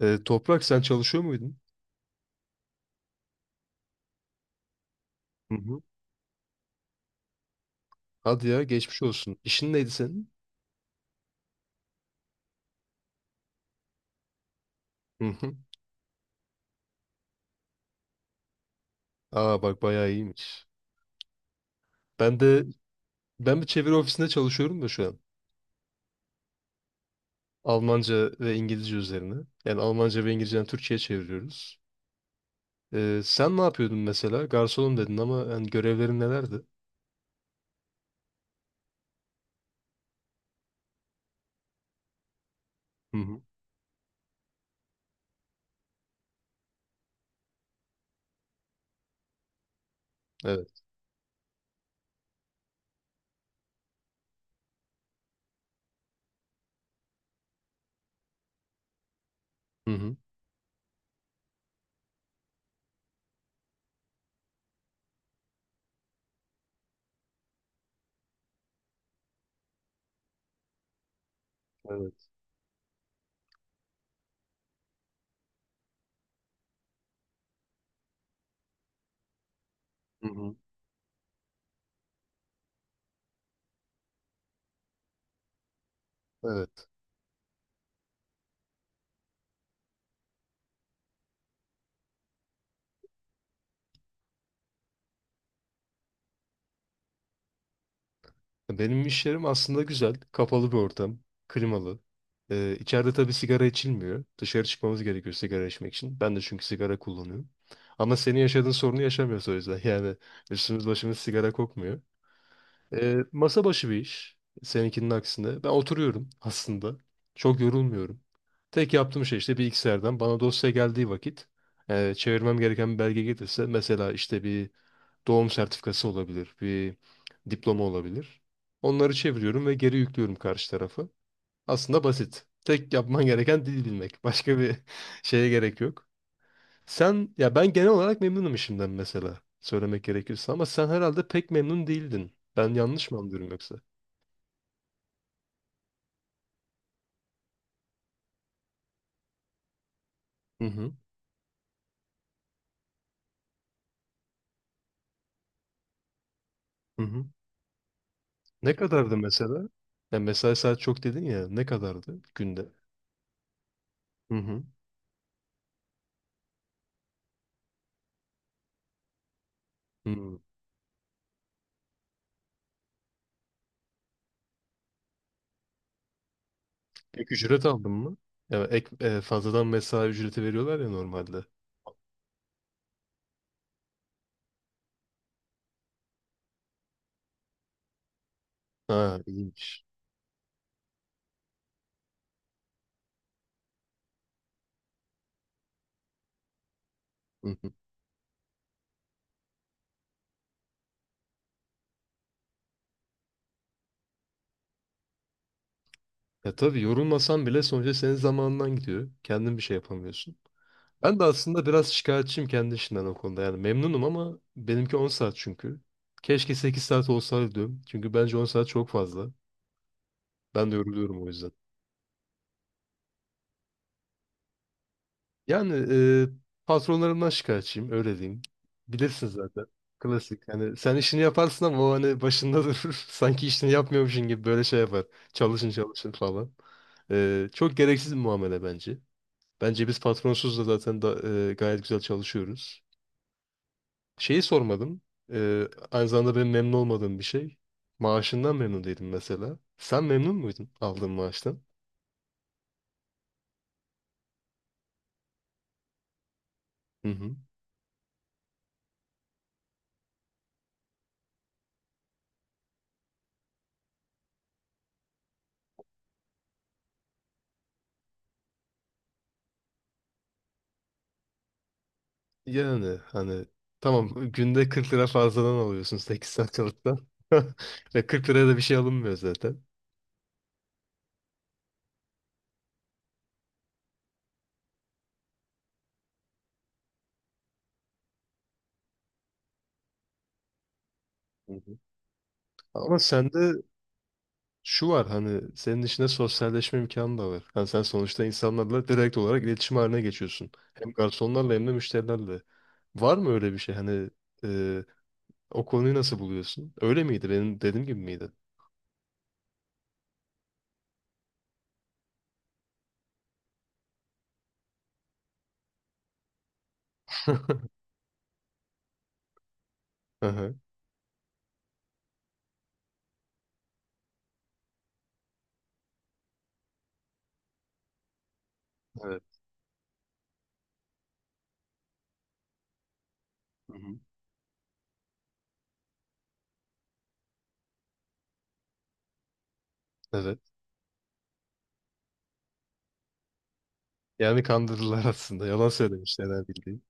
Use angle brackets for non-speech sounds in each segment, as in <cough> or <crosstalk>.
Toprak sen çalışıyor muydun? Hı hı. Hadi ya geçmiş olsun. İşin neydi senin? Hı hı. Aa bak bayağı iyiymiş. Ben de ben bir çeviri ofisinde çalışıyorum da şu an. Almanca ve İngilizce üzerine. Yani Almanca ve İngilizce'den Türkçe'ye çeviriyoruz. Sen ne yapıyordun mesela? Garsonum dedin ama yani görevlerin nelerdi? Hı hı. Evet. Hı hı. Evet. Hı hı. Evet. Benim iş yerim aslında güzel. Kapalı bir ortam. Klimalı. İçeride tabii sigara içilmiyor. Dışarı çıkmamız gerekiyor sigara içmek için. Ben de çünkü sigara kullanıyorum. Ama senin yaşadığın sorunu yaşamıyoruz o yüzden. <laughs> Yani üstümüz başımız sigara kokmuyor. Masa başı bir iş. Seninkinin aksine. Ben oturuyorum <laughs> aslında. Çok yorulmuyorum. Tek yaptığım şey işte bilgisayardan bana dosya geldiği vakit çevirmem gereken bir belge gelirse mesela işte bir doğum sertifikası olabilir, bir diploma olabilir. Onları çeviriyorum ve geri yüklüyorum karşı tarafı. Aslında basit. Tek yapman gereken dil bilmek. Başka bir <laughs> şeye gerek yok. Sen ya ben genel olarak memnunum işimden mesela söylemek gerekirse ama sen herhalde pek memnun değildin. Ben yanlış mı anlıyorum yoksa? Hı hı. Hı hı. Ne kadardı mesela? Ya mesai saat çok dedin ya ne kadardı günde? Hı hı. Hı. Ek ücret aldın mı? Ya fazladan mesai ücreti veriyorlar ya normalde. Ha iyiymiş. Hı hı. Ya tabii yorulmasan bile sonuçta senin zamanından gidiyor. Kendin bir şey yapamıyorsun. Ben de aslında biraz şikayetçiyim kendi işimden o konuda. Yani memnunum ama benimki 10 saat çünkü. Keşke 8 saat olsaydı diyorum. Çünkü bence 10 saat çok fazla. Ben de yoruluyorum o yüzden. Yani e, patronlarımdan şikayetçiyim öyle diyeyim. Bilirsin zaten. Klasik. Yani sen işini yaparsın ama o hani başında durur. <laughs> Sanki işini yapmıyormuşsun gibi böyle şey yapar. Çalışın çalışın falan. Çok gereksiz bir muamele bence. Bence biz patronsuz da zaten da, gayet güzel çalışıyoruz. Şeyi sormadım. Aynı zamanda benim memnun olmadığım bir şey. Maaşından memnun değilim mesela. Sen memnun muydun aldığın maaştan? Hı hı. Yani hani tamam günde 40 lira fazladan alıyorsun 8 saat çalışsan. <laughs> Ve 40 liraya da bir şey alınmıyor zaten. Hı hı. Ama sende şu var hani senin içinde sosyalleşme imkanı da var. Hani sen sonuçta insanlarla direkt olarak iletişim haline geçiyorsun. Hem garsonlarla hem de müşterilerle. Var mı öyle bir şey? Hani e, o konuyu nasıl buluyorsun? Öyle miydi? Benim dediğim gibi miydi? Hı hı. Evet. Hı hı. Evet. Yani kandırdılar aslında. Yalan söylemişler bildiğin.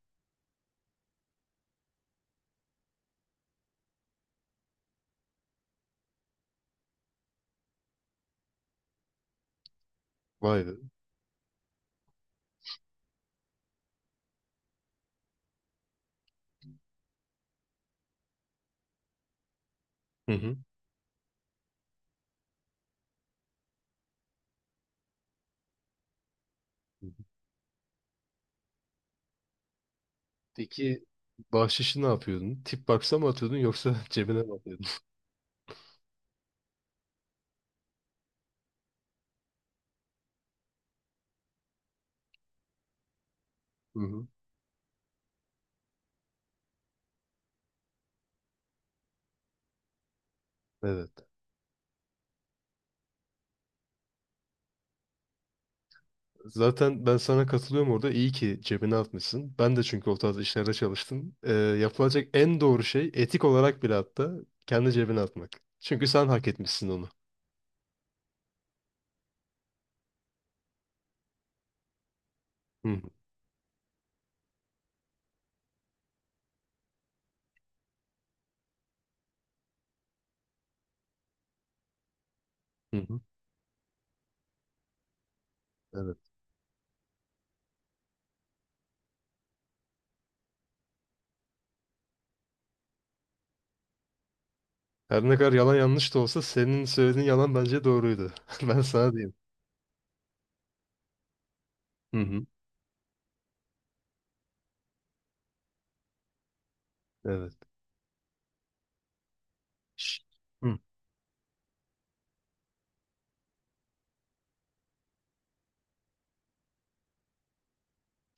Vay be. Hı hı. Hı hı. Peki bahşişi ne yapıyordun? Tip box'a mı atıyordun yoksa <laughs> cebine mi atıyordun? Hı hı. Evet. Zaten ben sana katılıyorum orada. İyi ki cebine atmışsın. Ben de çünkü o tarz işlerde çalıştım. Yapılacak en doğru şey etik olarak bile hatta kendi cebine atmak. Çünkü sen hak etmişsin onu. Hı hı. Hı hı. Evet. Her ne kadar yalan yanlış da olsa senin söylediğin yalan bence doğruydu. <laughs> Ben sana diyeyim. Hı hı. Evet. Ş- Hı.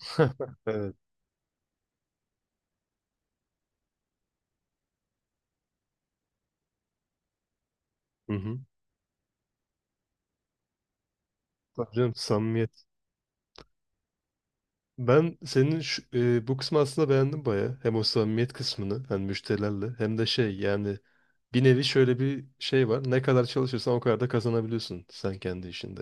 <laughs> Evet. Hı hı. Tabii canım, samimiyet. Ben senin bu kısmı aslında beğendim baya. Hem o samimiyet kısmını hani müşterilerle hem de şey yani bir nevi şöyle bir şey var. Ne kadar çalışırsan o kadar da kazanabiliyorsun sen kendi işinde.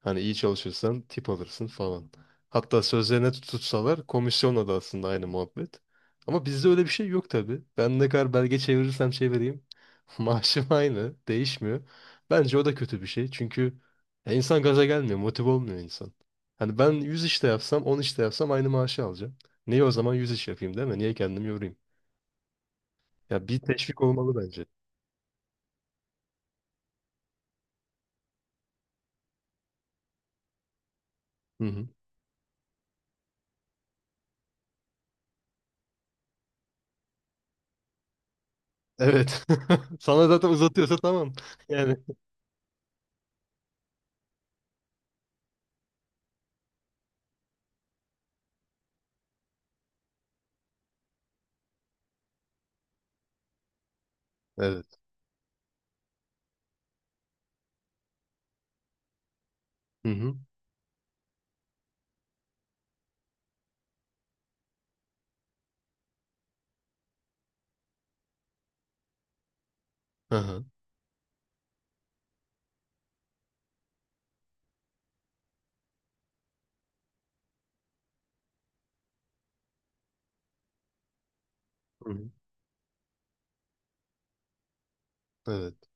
Hani iyi çalışırsan tip alırsın falan. Hatta sözlerine tutsalar komisyonla da aslında aynı muhabbet. Ama bizde öyle bir şey yok tabii. Ben ne kadar belge çevirirsem çevireyim <laughs> maaşım aynı değişmiyor. Bence o da kötü bir şey çünkü insan gaza gelmiyor motive olmuyor insan. Hani ben 100 işte yapsam 10 işte yapsam aynı maaşı alacağım. Niye o zaman 100 iş yapayım değil mi? Niye kendimi yorayım? Ya bir teşvik olmalı bence. Hı hı. Evet. <laughs> Sana zaten uzatıyorsa tamam. Yani. Evet. Hı hı. Aha. Hı hı. Evet.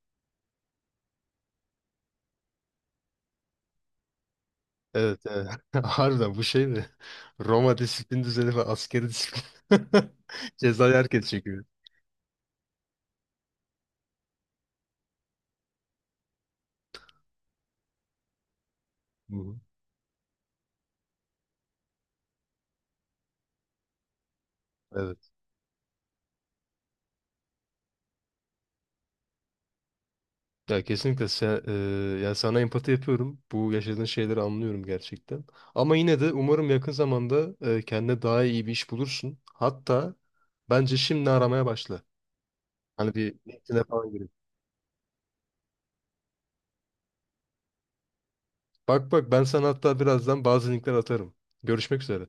Evet. Evet. <laughs> Harbiden bu şey mi? Roma disiplin düzeni ve askeri disiplin. <laughs> Cezayı herkes çekiyor. Hı hı. Evet. Ya kesinlikle sen, ya sana empati yapıyorum. Bu yaşadığın şeyleri anlıyorum gerçekten. Ama yine de umarım yakın zamanda kendine daha iyi bir iş bulursun. Hatta bence şimdi aramaya başla. Hani bir LinkedIn'e falan girip. Bak bak ben sana hatta birazdan bazı linkler atarım. Görüşmek üzere.